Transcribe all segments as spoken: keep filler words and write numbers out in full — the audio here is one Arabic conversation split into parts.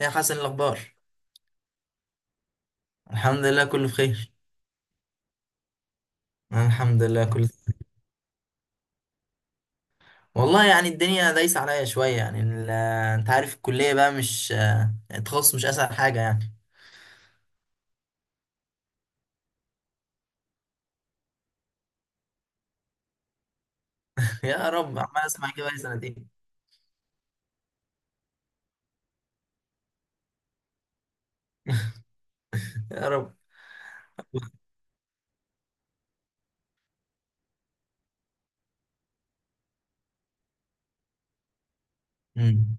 يا حسن، إيه الأخبار؟ الحمد لله كله بخير. الحمد لله كله. والله يعني الدنيا دايسة عليا شوية يعني ال- انت عارف الكلية بقى، مش التخصص مش أسهل حاجة يعني. يا رب. عمال أسمع كده بقالي سنتين. يا رب. مم.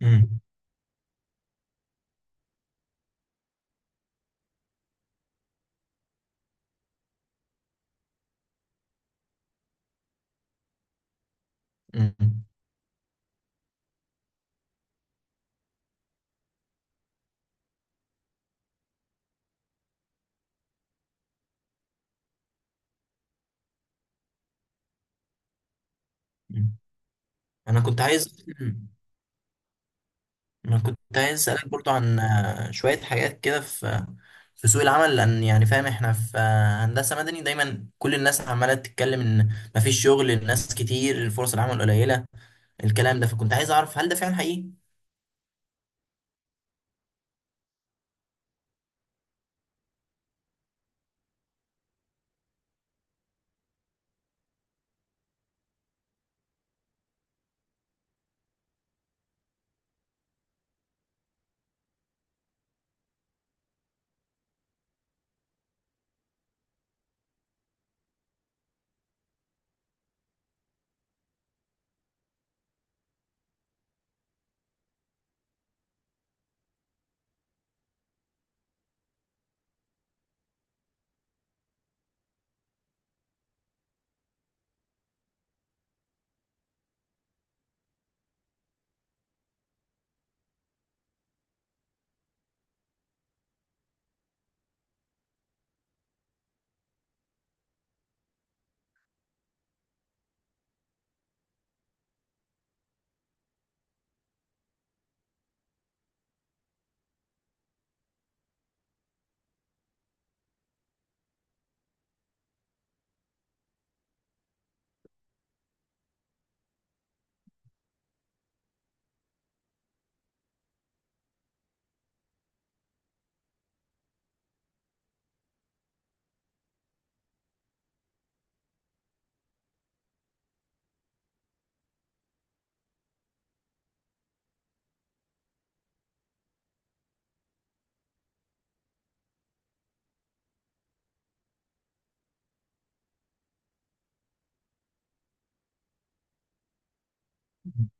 مم. مم. مم. أنا كنت عايز انا كنت عايز اسالك برضو عن آه، شويه حاجات كده في في سوق العمل، لان يعني فاهم احنا في آه، هندسه مدني. دايما كل الناس عماله تتكلم ان مفيش شغل، الناس كتير، فرص العمل قليله الكلام ده. فكنت عايز اعرف هل ده فعلا حقيقي؟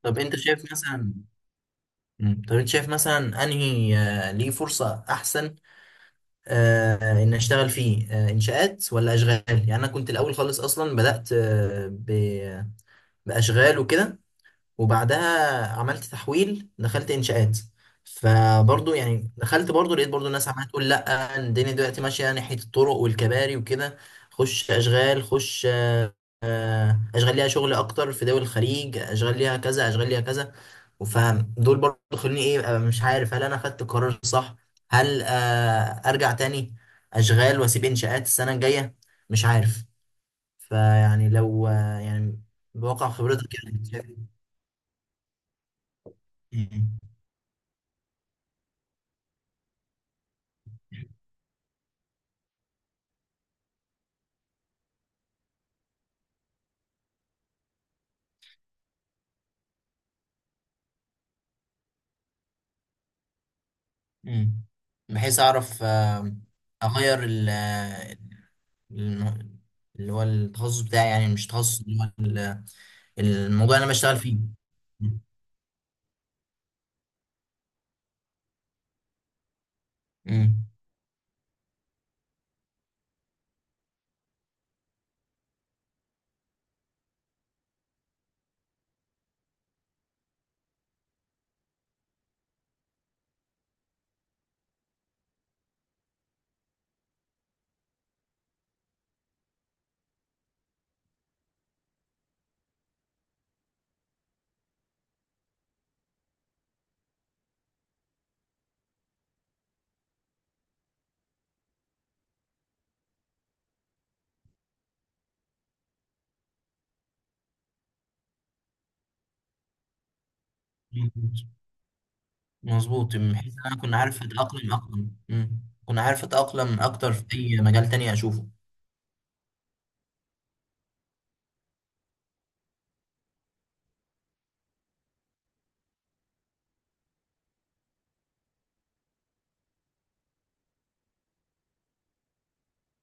طب انت شايف مثلا مم. طب انت شايف مثلا انهي آه، ليه فرصه احسن؟ آه، ان اشتغل فيه آه، انشاءات ولا اشغال؟ يعني انا كنت الاول خالص اصلا بدات آه، ب- باشغال وكده. وبعدها عملت تحويل، دخلت انشاءات. فبرضه يعني دخلت برضه لقيت برضه الناس عماله تقول لا الدنيا دلوقتي ماشيه ناحيه الطرق والكباري وكده. خش اشغال خش، آه، اشغال ليها شغل اكتر في دول الخليج، اشغال ليها كذا، اشغال ليها كذا. فدول برضه خلوني ايه، أبقى مش عارف هل انا خدت القرار الصح؟ هل آه، ارجع تاني اشغال واسيب انشاءات السنه الجايه؟ مش عارف. فيعني لو آه، يعني بواقع خبرتك يعني. شايف- مم. بحيث اعرف آه، اغير ال- آه، الم- اللي هو التخصص بتاعي يعني، مش تخصص اللي هو ال- الموضوع اللي انا بشتغل فيه. امم. مظبوط، بحيث ان انا اكون عارف اتاقلم اكتر. امم. اكون عارف اتاقلم اكتر في اي مجال تاني اشوفه.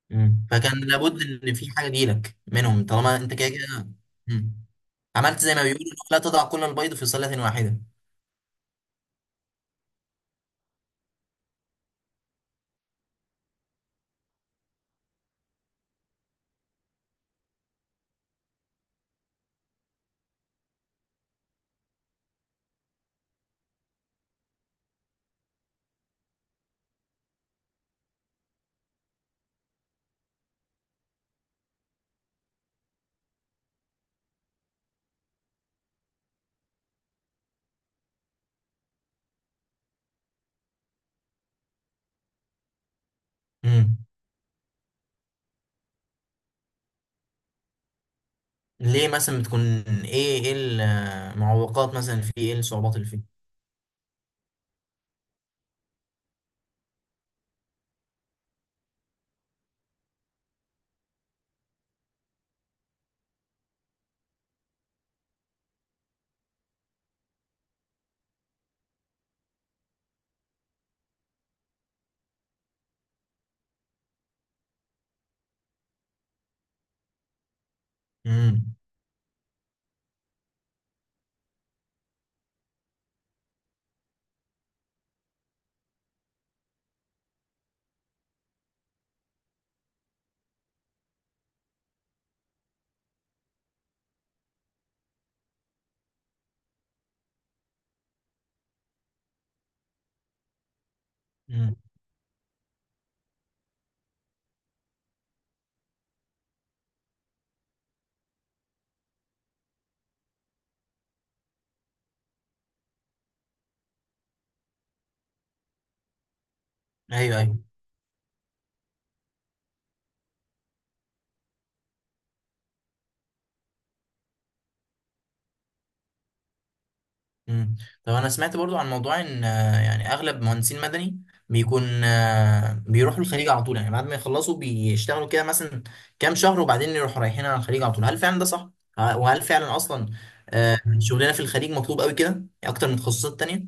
مم. فكان لابد ان في حاجه تجيلك منهم طالما انت كده كده. مم. عملت زي ما بيقولوا لا تضع كل البيض في سله واحده. مم. ليه مثلا بتكون؟ ايه ايه المعوقات مثلا؟ في ايه الصعوبات اللي فيه؟ امم. امم. ايوه ايوه. امم. طب انا سمعت برضو عن موضوع ان آه، يعني اغلب مهندسين مدني بيكون آه، بيروحوا الخليج على طول، يعني بعد ما يخلصوا بيشتغلوا كده مثلا كام شهر وبعدين يروحوا رايحين على الخليج على طول. هل فعلا ده صح؟ آه، وهل فعلا اصلا آه، شغلنا في الخليج مطلوب قوي كده يعني، اكتر من تخصصات تانية؟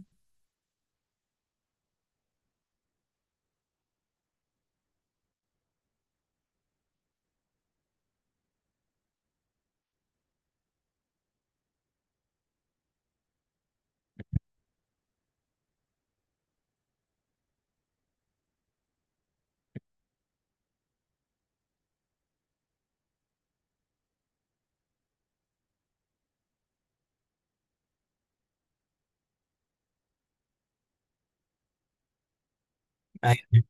ايوه.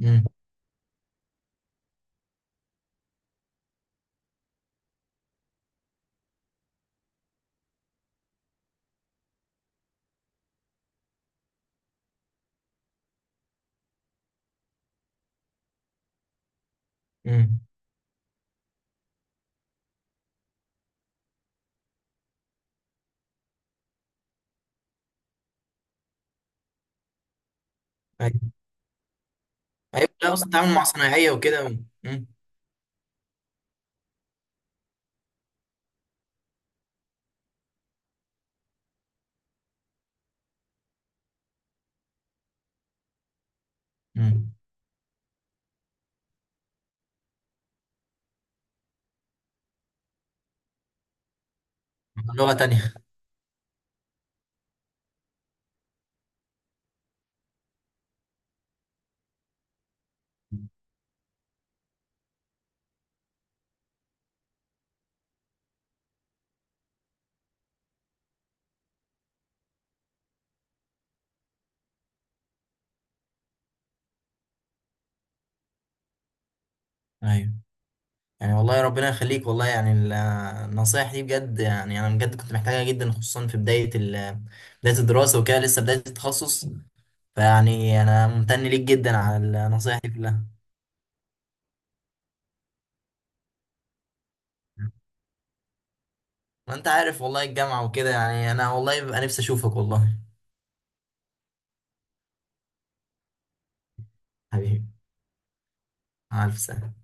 امم. امم. ايوه ايوه. لا، اصلا التعامل مع صنايعية وكده و- امم. امم. لغة تانية. ايوه. يعني والله ربنا يخليك. والله يعني ال- النصايح دي بجد يعني انا بجد كنت محتاجها جدا، خصوصا في بدايه ال... بدايه الدراسه وكده، لسه بدايه التخصص. فيعني انا ممتن ليك جدا على النصايح دي كلها. ما انت عارف والله الجامعه وكده، يعني انا والله ببقى نفسي اشوفك والله. حبيبي. مع الف سلامه.